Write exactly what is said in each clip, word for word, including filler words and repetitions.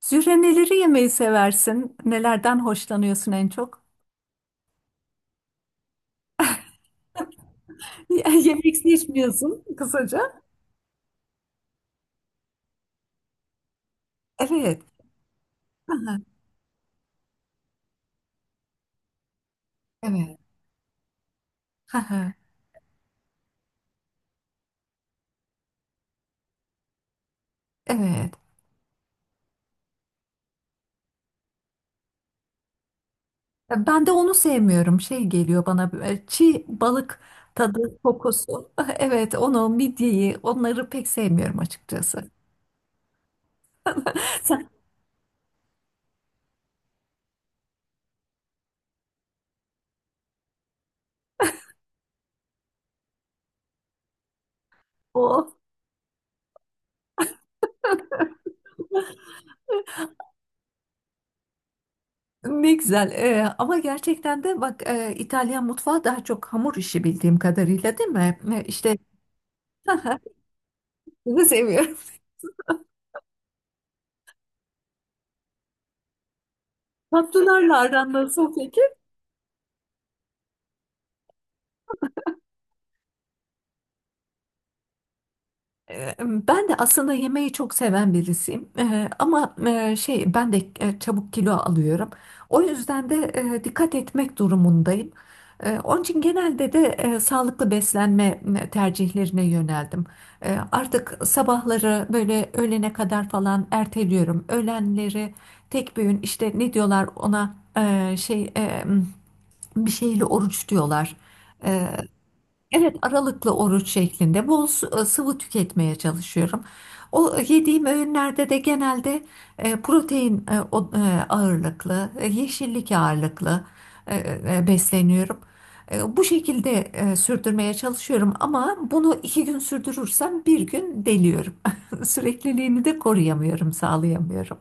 Zühre neleri yemeyi seversin? Nelerden hoşlanıyorsun en çok? Yemek seçmiyorsun kısaca. Evet. Aha, evet. Aha, evet. Ben de onu sevmiyorum. Şey geliyor bana e, çiğ balık tadı kokusu. Evet onu midyeyi onları pek sevmiyorum açıkçası. Sen o ne güzel. E, ama gerçekten de bak e, İtalyan mutfağı daha çok hamur işi bildiğim kadarıyla değil mi? E, İşte bunu seviyorum. Tatlılarla aran nasıl peki? Ee, Ben de aslında yemeği çok seven birisiyim. Ee, ama e, şey ben de e, çabuk kilo alıyorum. O yüzden de e, dikkat etmek durumundayım. Ee, Onun için genelde de e, sağlıklı beslenme e, tercihlerine yöneldim. Ee, Artık sabahları böyle öğlene kadar falan erteliyorum. Öğlenleri tek bir öğün işte ne diyorlar ona e, şey e, bir şeyle oruç diyorlar. Evet, aralıklı oruç şeklinde bol su- sıvı tüketmeye çalışıyorum. O yediğim öğünlerde de genelde e, protein e, o- e, ağırlıklı, e, yeşillik ağırlıklı e, e, besleniyorum. E, Bu şekilde e, sürdürmeye çalışıyorum ama bunu iki gün sürdürürsem bir gün deliyorum. Sürekliliğini de koruyamıyorum, sağlayamıyorum.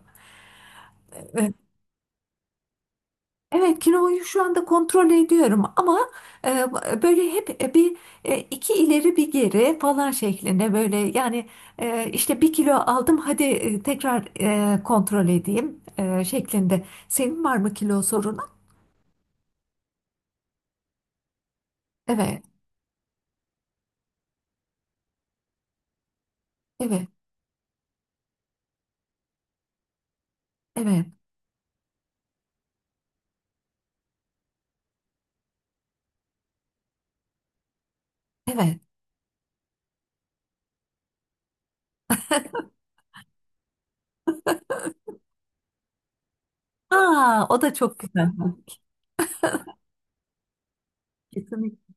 E, Evet kiloyu şu anda kontrol ediyorum ama e, böyle hep e, bir e, iki ileri bir geri falan şeklinde böyle yani e, işte bir kilo aldım, hadi e, tekrar e, kontrol edeyim e, şeklinde. Senin var mı kilo sorunu? Evet, evet, evet, evet. Aa, o da çok güzel. Kesinlikle.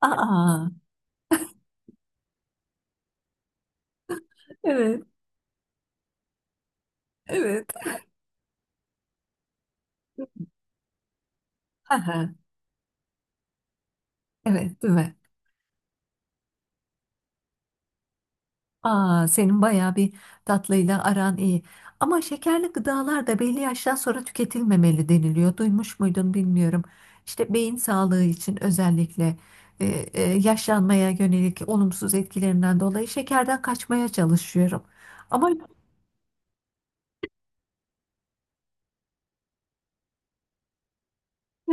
Aa, evet, evet. Aha, evet, değil mi? Aa, senin bayağı bir tatlıyla aran iyi. Ama şekerli gıdalar da belli yaştan sonra tüketilmemeli deniliyor. Duymuş muydun bilmiyorum. İşte beyin sağlığı için özellikle e, e, yaşlanmaya yönelik olumsuz etkilerinden dolayı şekerden kaçmaya çalışıyorum. Ama e,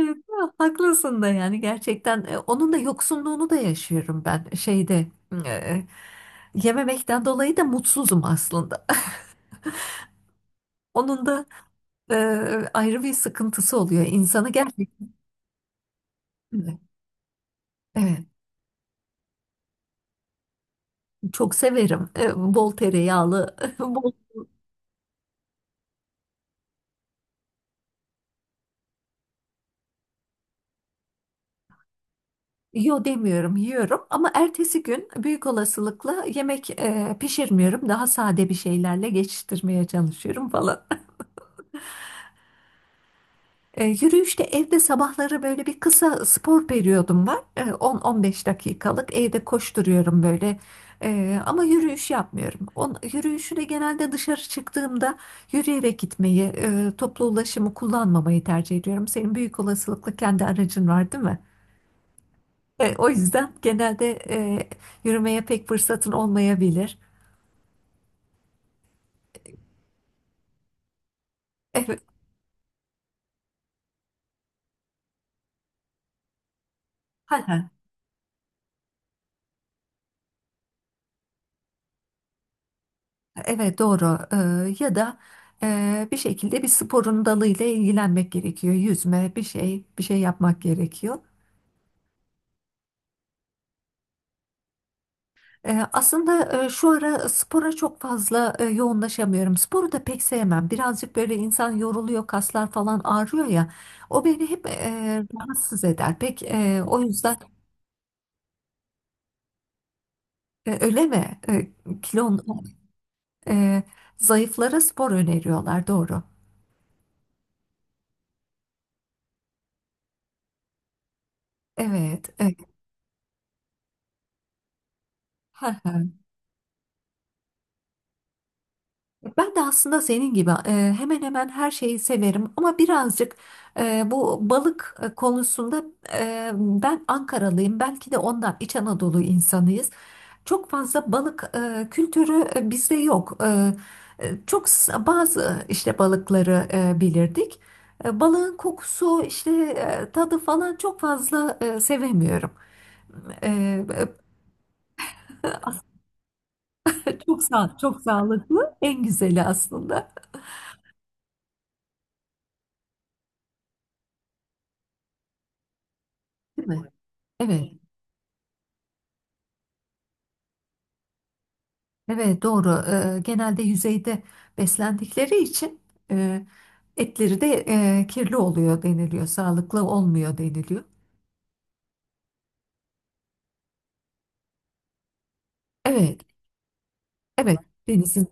haklısın da yani gerçekten e, onun da yoksunluğunu da yaşıyorum ben şeyde e, yememekten dolayı da mutsuzum aslında. Onun da e, ayrı bir sıkıntısı oluyor. İnsanı gerçekten evet, evet. Çok severim. Ee, bol tereyağlı, bol yo demiyorum, yiyorum ama ertesi gün büyük olasılıkla yemek e, pişirmiyorum. Daha sade bir şeylerle geçiştirmeye çalışıyorum falan. E, yürüyüşte evde sabahları böyle bir kısa spor periyodum var. E, on, on beş dakikalık evde koşturuyorum böyle. E, ama yürüyüş yapmıyorum. On, yürüyüşü de genelde dışarı çıktığımda yürüyerek gitmeyi, e, toplu ulaşımı kullanmamayı tercih ediyorum. Senin büyük olasılıkla kendi aracın var, değil mi? E, o yüzden genelde e, yürümeye pek fırsatın olmayabilir. Evet. Evet doğru. Ee, ya da e, bir şekilde bir sporun dalıyla ilgilenmek gerekiyor, yüzme, bir şey bir şey yapmak gerekiyor. Ee, aslında e, şu ara spora çok fazla e, yoğunlaşamıyorum. Sporu da pek sevmem. Birazcık böyle insan yoruluyor, kaslar falan ağrıyor ya. O beni hep e, rahatsız eder. Pek e, o yüzden e, öyle mi? E, kilon e, zayıflara spor öneriyorlar. Doğru. Evet, evet. Ben de aslında senin gibi e, hemen hemen her şeyi severim ama birazcık e, bu balık e, konusunda e, ben Ankaralıyım, belki de ondan, İç Anadolu insanıyız. Çok fazla balık e, kültürü e, bizde yok. E, e, çok s- bazı işte balıkları e, bilirdik. E, balığın kokusu işte e, tadı falan çok fazla e, sevemiyorum. E, e, çok sağ, Çok sağlıklı en güzeli aslında, değil mi? Evet. Evet doğru. Ee, genelde yüzeyde beslendikleri için e, etleri de e, kirli oluyor deniliyor. Sağlıklı olmuyor deniliyor. Evet, evet. Denizin.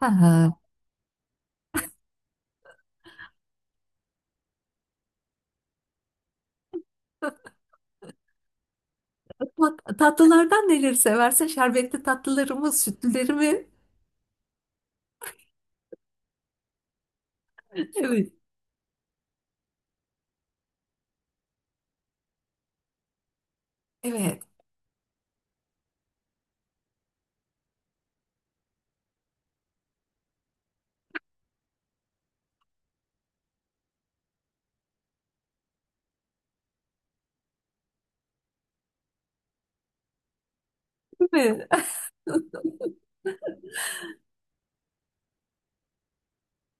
Ha, ha. Bak, tatlılardan neleri seversin? Şerbetli tatlıları mı, sütlüleri mi? Evet, evet. Değil mi?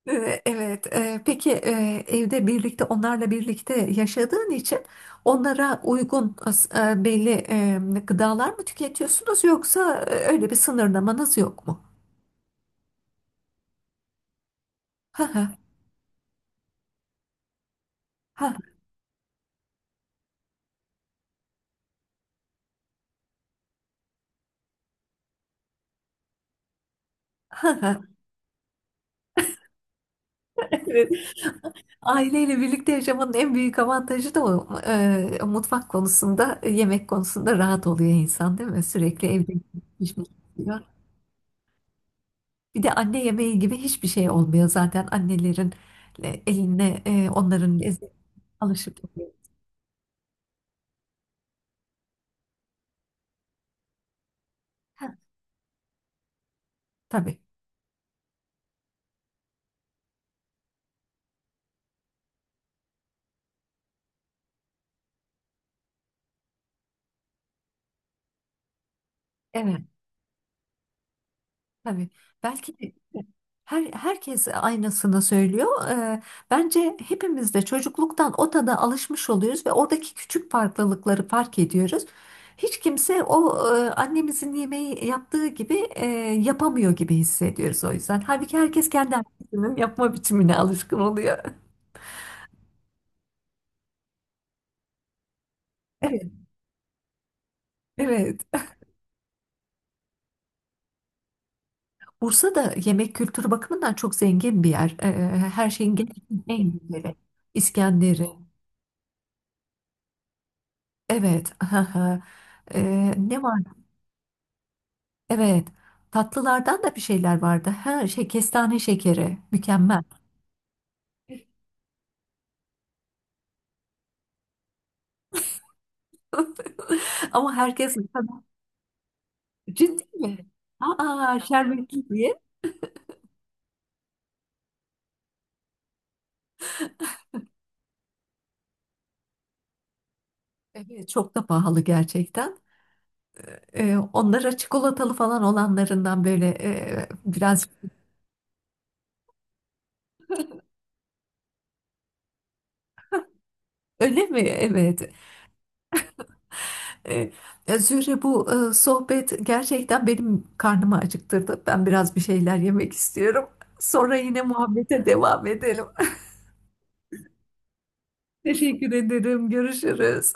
Ee, Evet. Ee, peki e, evde birlikte onlarla birlikte yaşadığın için onlara uygun e, belli e, gıdalar mı tüketiyorsunuz yoksa e, öyle bir sınırlamanız yok mu? Ha ha ha ha. Ha. Evet. Aileyle birlikte yaşamanın en büyük avantajı da o. Ee, mutfak konusunda, e, yemek konusunda rahat oluyor insan, değil mi? Sürekli evde pişmiş oluyor. Bir de anne yemeği gibi hiçbir şey olmuyor zaten annelerin e, eline e, onların lezzetine alışıp oluyor. Ha, tabii. Evet, tabii. Belki de Her, herkes aynısını söylüyor. Ee, bence hepimiz de çocukluktan o tada alışmış oluyoruz ve oradaki küçük farklılıkları fark ediyoruz. Hiç kimse o e, annemizin yemeği yaptığı gibi e, yapamıyor gibi hissediyoruz o yüzden. Halbuki herkes kendi annesinin yapma biçimine alışkın oluyor. Evet, evet. Bursa da yemek kültürü bakımından çok zengin bir yer. Ee, her şeyin gerçekten en güzeli. İskender'i. Evet. Ee, ne var? Evet. Tatlılardan da bir şeyler vardı. Ha, şey kestane şekeri. Mükemmel. Ama herkes ciddi mi? Aa şerbetli diye. Evet çok da pahalı gerçekten. Ee, onlara çikolatalı falan olanlarından böyle e, biraz öyle mi? Evet. Ee, e, Zühre bu e, sohbet gerçekten benim karnımı acıktırdı. Ben biraz bir şeyler yemek istiyorum. Sonra yine muhabbete devam edelim. Teşekkür ederim. Görüşürüz.